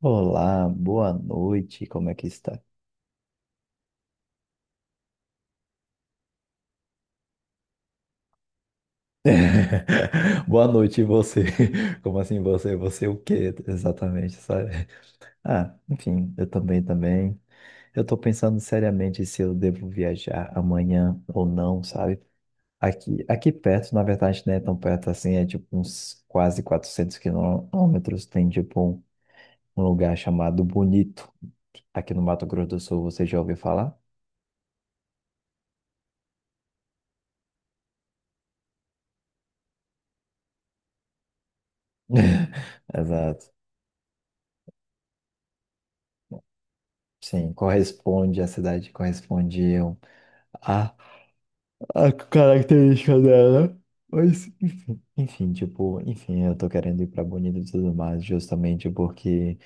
Olá, boa noite, como é que está? Boa noite, e você? Como assim você? Você o quê exatamente, sabe? Ah, enfim, eu também, também. Eu tô pensando seriamente se eu devo viajar amanhã ou não, sabe? Aqui perto, na verdade, não é tão perto assim, é tipo uns quase 400 km. Tem tipo um lugar chamado Bonito, aqui no Mato Grosso do Sul. Você já ouviu falar? Exato. Sim, corresponde. A cidade corresponde a, a a característica dela. Mas, enfim, tipo, enfim, eu tô querendo ir pra Bonito e tudo mais, justamente porque,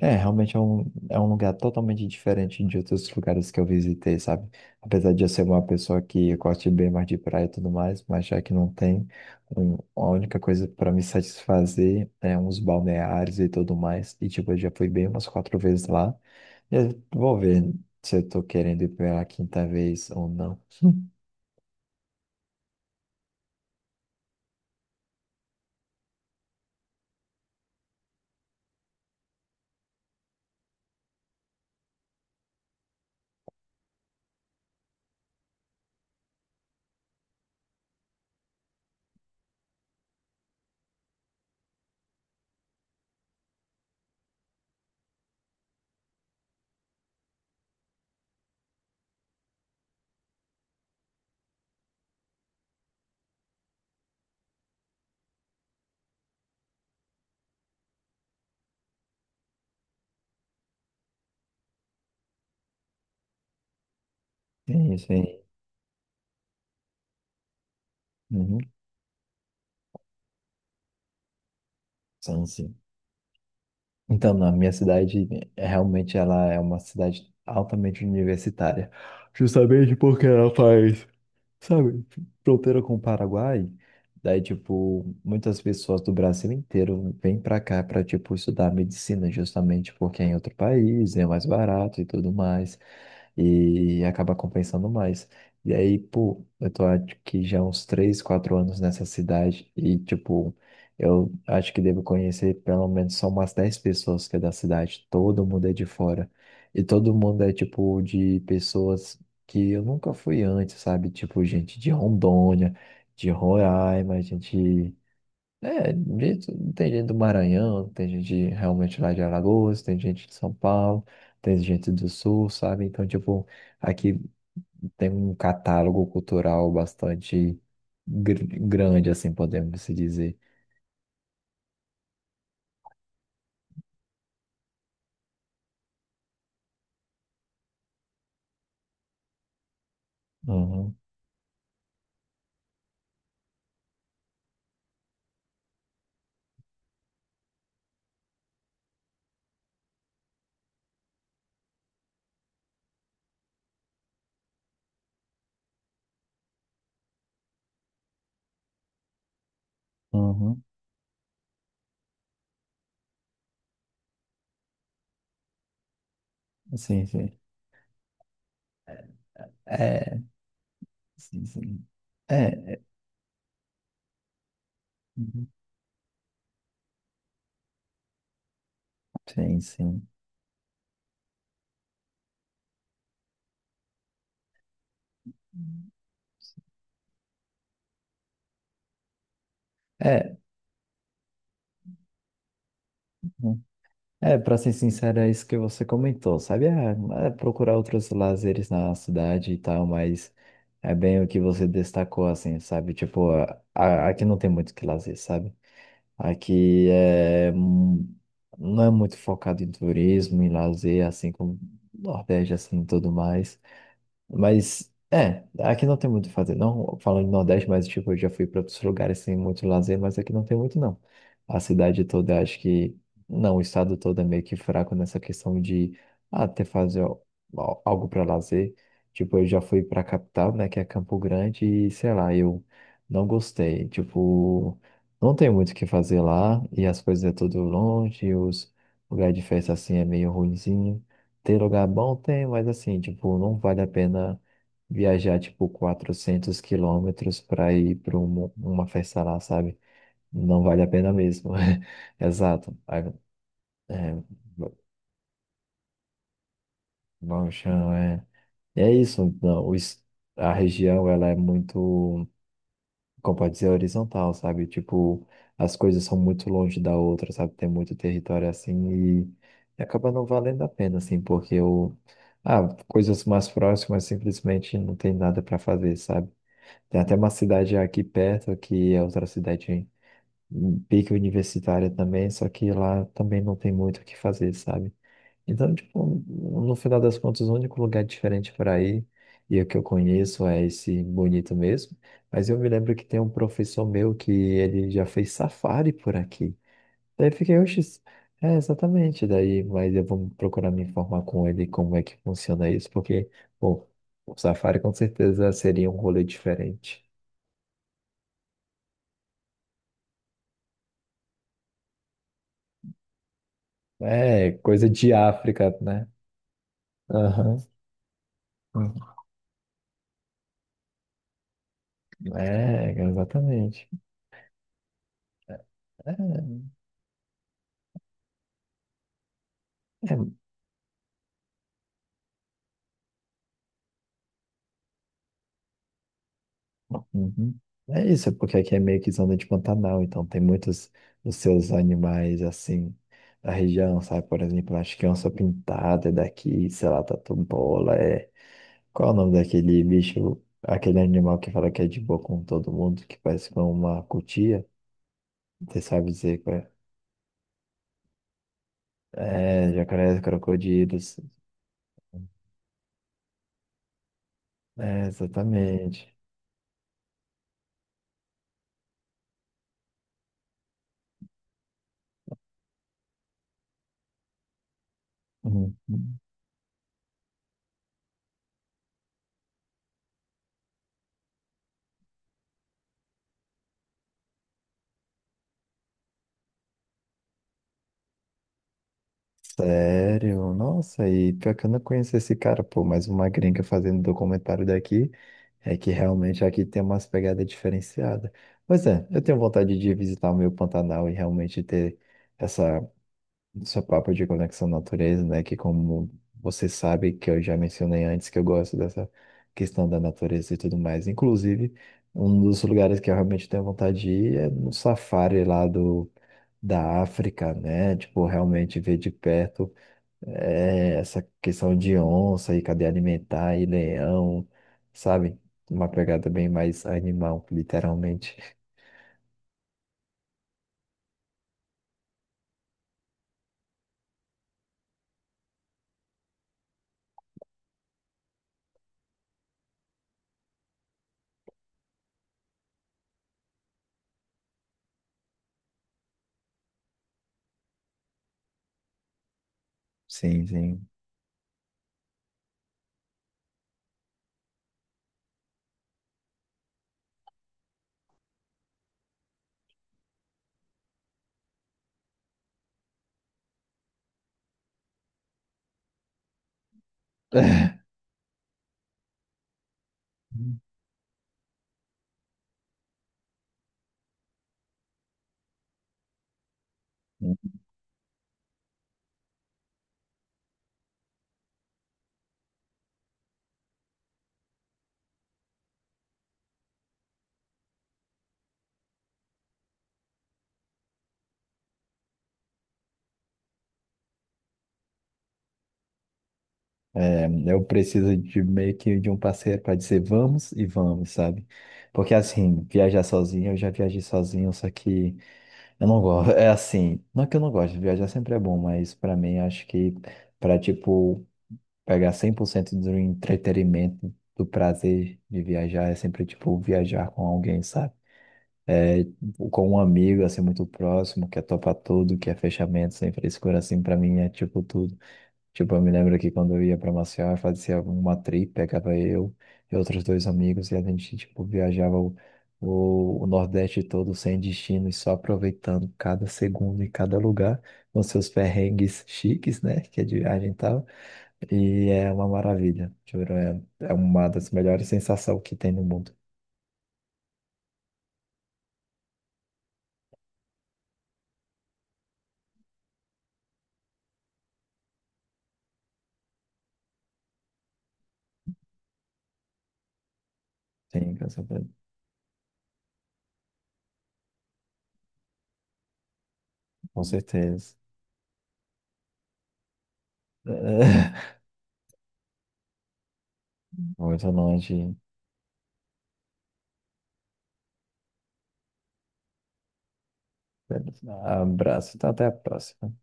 é, realmente é um lugar totalmente diferente de outros lugares que eu visitei, sabe? Apesar de eu ser uma pessoa que gosta bem mais de praia e tudo mais, mas já que não tem, a única coisa pra me satisfazer é uns balneários e tudo mais. E, tipo, eu já fui bem umas quatro vezes lá. Eu vou ver se eu tô querendo ir pela quinta vez ou não. Sim, isso. Uhum. São sim. Então, na minha cidade, realmente ela é uma cidade altamente universitária. Justamente porque ela faz, sabe, fronteira com o Paraguai. Daí, tipo, muitas pessoas do Brasil inteiro vêm para cá para, tipo, estudar medicina, justamente porque é em outro país, é mais barato e tudo mais, e acaba compensando mais. E aí, pô, eu tô acho que já há uns 3 4 anos nessa cidade e, tipo, eu acho que devo conhecer pelo menos só umas 10 pessoas que é da cidade. Todo mundo é de fora. E todo mundo é tipo de pessoas que eu nunca fui antes, sabe? Tipo, gente de Rondônia, de Roraima, gente. É, de- Tem gente do Maranhão, tem gente realmente lá de Alagoas, tem gente de São Paulo, tem gente do Sul, sabe? Então, tipo, aqui tem um catálogo cultural bastante grande, assim, podemos se dizer. Uhum, uhum. Sim, sim. É, sim, sim. É, é, uhum, sim, sim. É. É, pra ser sincero, é isso que você comentou, sabe? É, é procurar outros lazeres na cidade e tal, mas é bem o que você destacou, assim, sabe? Tipo, aqui não tem muito o que lazer, sabe? Aqui é, não é muito focado em turismo, em lazer, assim como Nordeste, assim, e tudo mais. Mas, é, aqui não tem muito o que fazer. Não falando do Nordeste, mas, tipo, eu já fui para outros lugares sem muito lazer, mas aqui não tem muito, não. A cidade toda, acho que. Não, o estado todo é meio que fraco nessa questão de até fazer algo para lazer. Tipo, eu já fui para a capital, né, que é Campo Grande, e sei lá, eu não gostei. Tipo, não tem muito o que fazer lá, e as coisas é tudo longe, os lugares de festa assim é meio ruinzinho. Tem lugar bom? Tem, mas assim, tipo, não vale a pena viajar, tipo, 400 km para ir para uma festa lá, sabe? Não vale a pena mesmo. Exato. Aí, é, bom chão, é. E é isso. Não, a região, ela é muito, como pode dizer, horizontal, sabe? Tipo, as coisas são muito longe da outra, sabe? Tem muito território assim e acaba não valendo a pena, assim, porque eu. Ah, coisas mais próximas simplesmente não tem nada para fazer, sabe? Tem até uma cidade aqui perto, que é outra cidade em pique universitária também, só que lá também não tem muito o que fazer, sabe? Então, tipo, no final das contas, o único lugar diferente para ir e o que eu conheço é esse bonito mesmo. Mas eu me lembro que tem um professor meu que ele já fez safari por aqui. Daí eu fiquei, oxe, é exatamente. Daí, mas eu vou procurar me informar com ele como é que funciona isso, porque, pô, o safari com certeza seria um rolê diferente. É, coisa de África, né? Aham. É, exatamente. É, é, uhum. É isso, é porque aqui é meio que zona de Pantanal, então tem muitos dos seus animais assim da região, sabe? Por exemplo, acho que onça pintada é daqui, sei lá, tatu-bola, é. Qual é o nome daquele bicho, aquele animal que fala que é de boa com todo mundo, que parece com uma cutia? Você sabe dizer qual é? É, jacarés, crocodilos. É, exatamente. Uhum. Sério? Nossa, e pior que eu não conheço esse cara, pô, mas uma gringa fazendo documentário daqui é que realmente aqui tem umas pegadas diferenciadas. Pois é, eu tenho vontade de visitar o meu Pantanal e realmente ter essa, essa papo de conexão à natureza, né? Que como você sabe, que eu já mencionei antes, que eu gosto dessa questão da natureza e tudo mais. Inclusive, um dos lugares que eu realmente tenho vontade de ir é no safári lá da África, né? Tipo, realmente ver de perto é, essa questão de onça e cadeia alimentar e leão, sabe? Uma pegada bem mais animal, literalmente. Sim, sim. É, eu preciso de meio que de um parceiro para dizer vamos e vamos, sabe? Porque assim, viajar sozinho, eu já viajei sozinho, só que eu não gosto. É assim, não é que eu não gosto, viajar sempre é bom, mas para mim acho que para tipo pegar 100% do entretenimento, do prazer de viajar, é sempre, tipo, viajar com alguém, sabe? É, com um amigo, assim, muito próximo, que é topa tudo, que é fechamento, sem frescura, assim, pra mim é, tipo, tudo. Tipo, eu me lembro que quando eu ia pra Maceió, eu fazia uma trip, pegava eu e outros dois amigos, e a gente, tipo, viajava o Nordeste todo, sem destino, e só aproveitando cada segundo e cada lugar, com seus perrengues chiques, né, que a gente tava e é uma maravilha, juro. É, é uma das melhores sensações que tem no mundo. Sim, com certeza. Com certeza. Muito longe. Abraço. Então, até a próxima.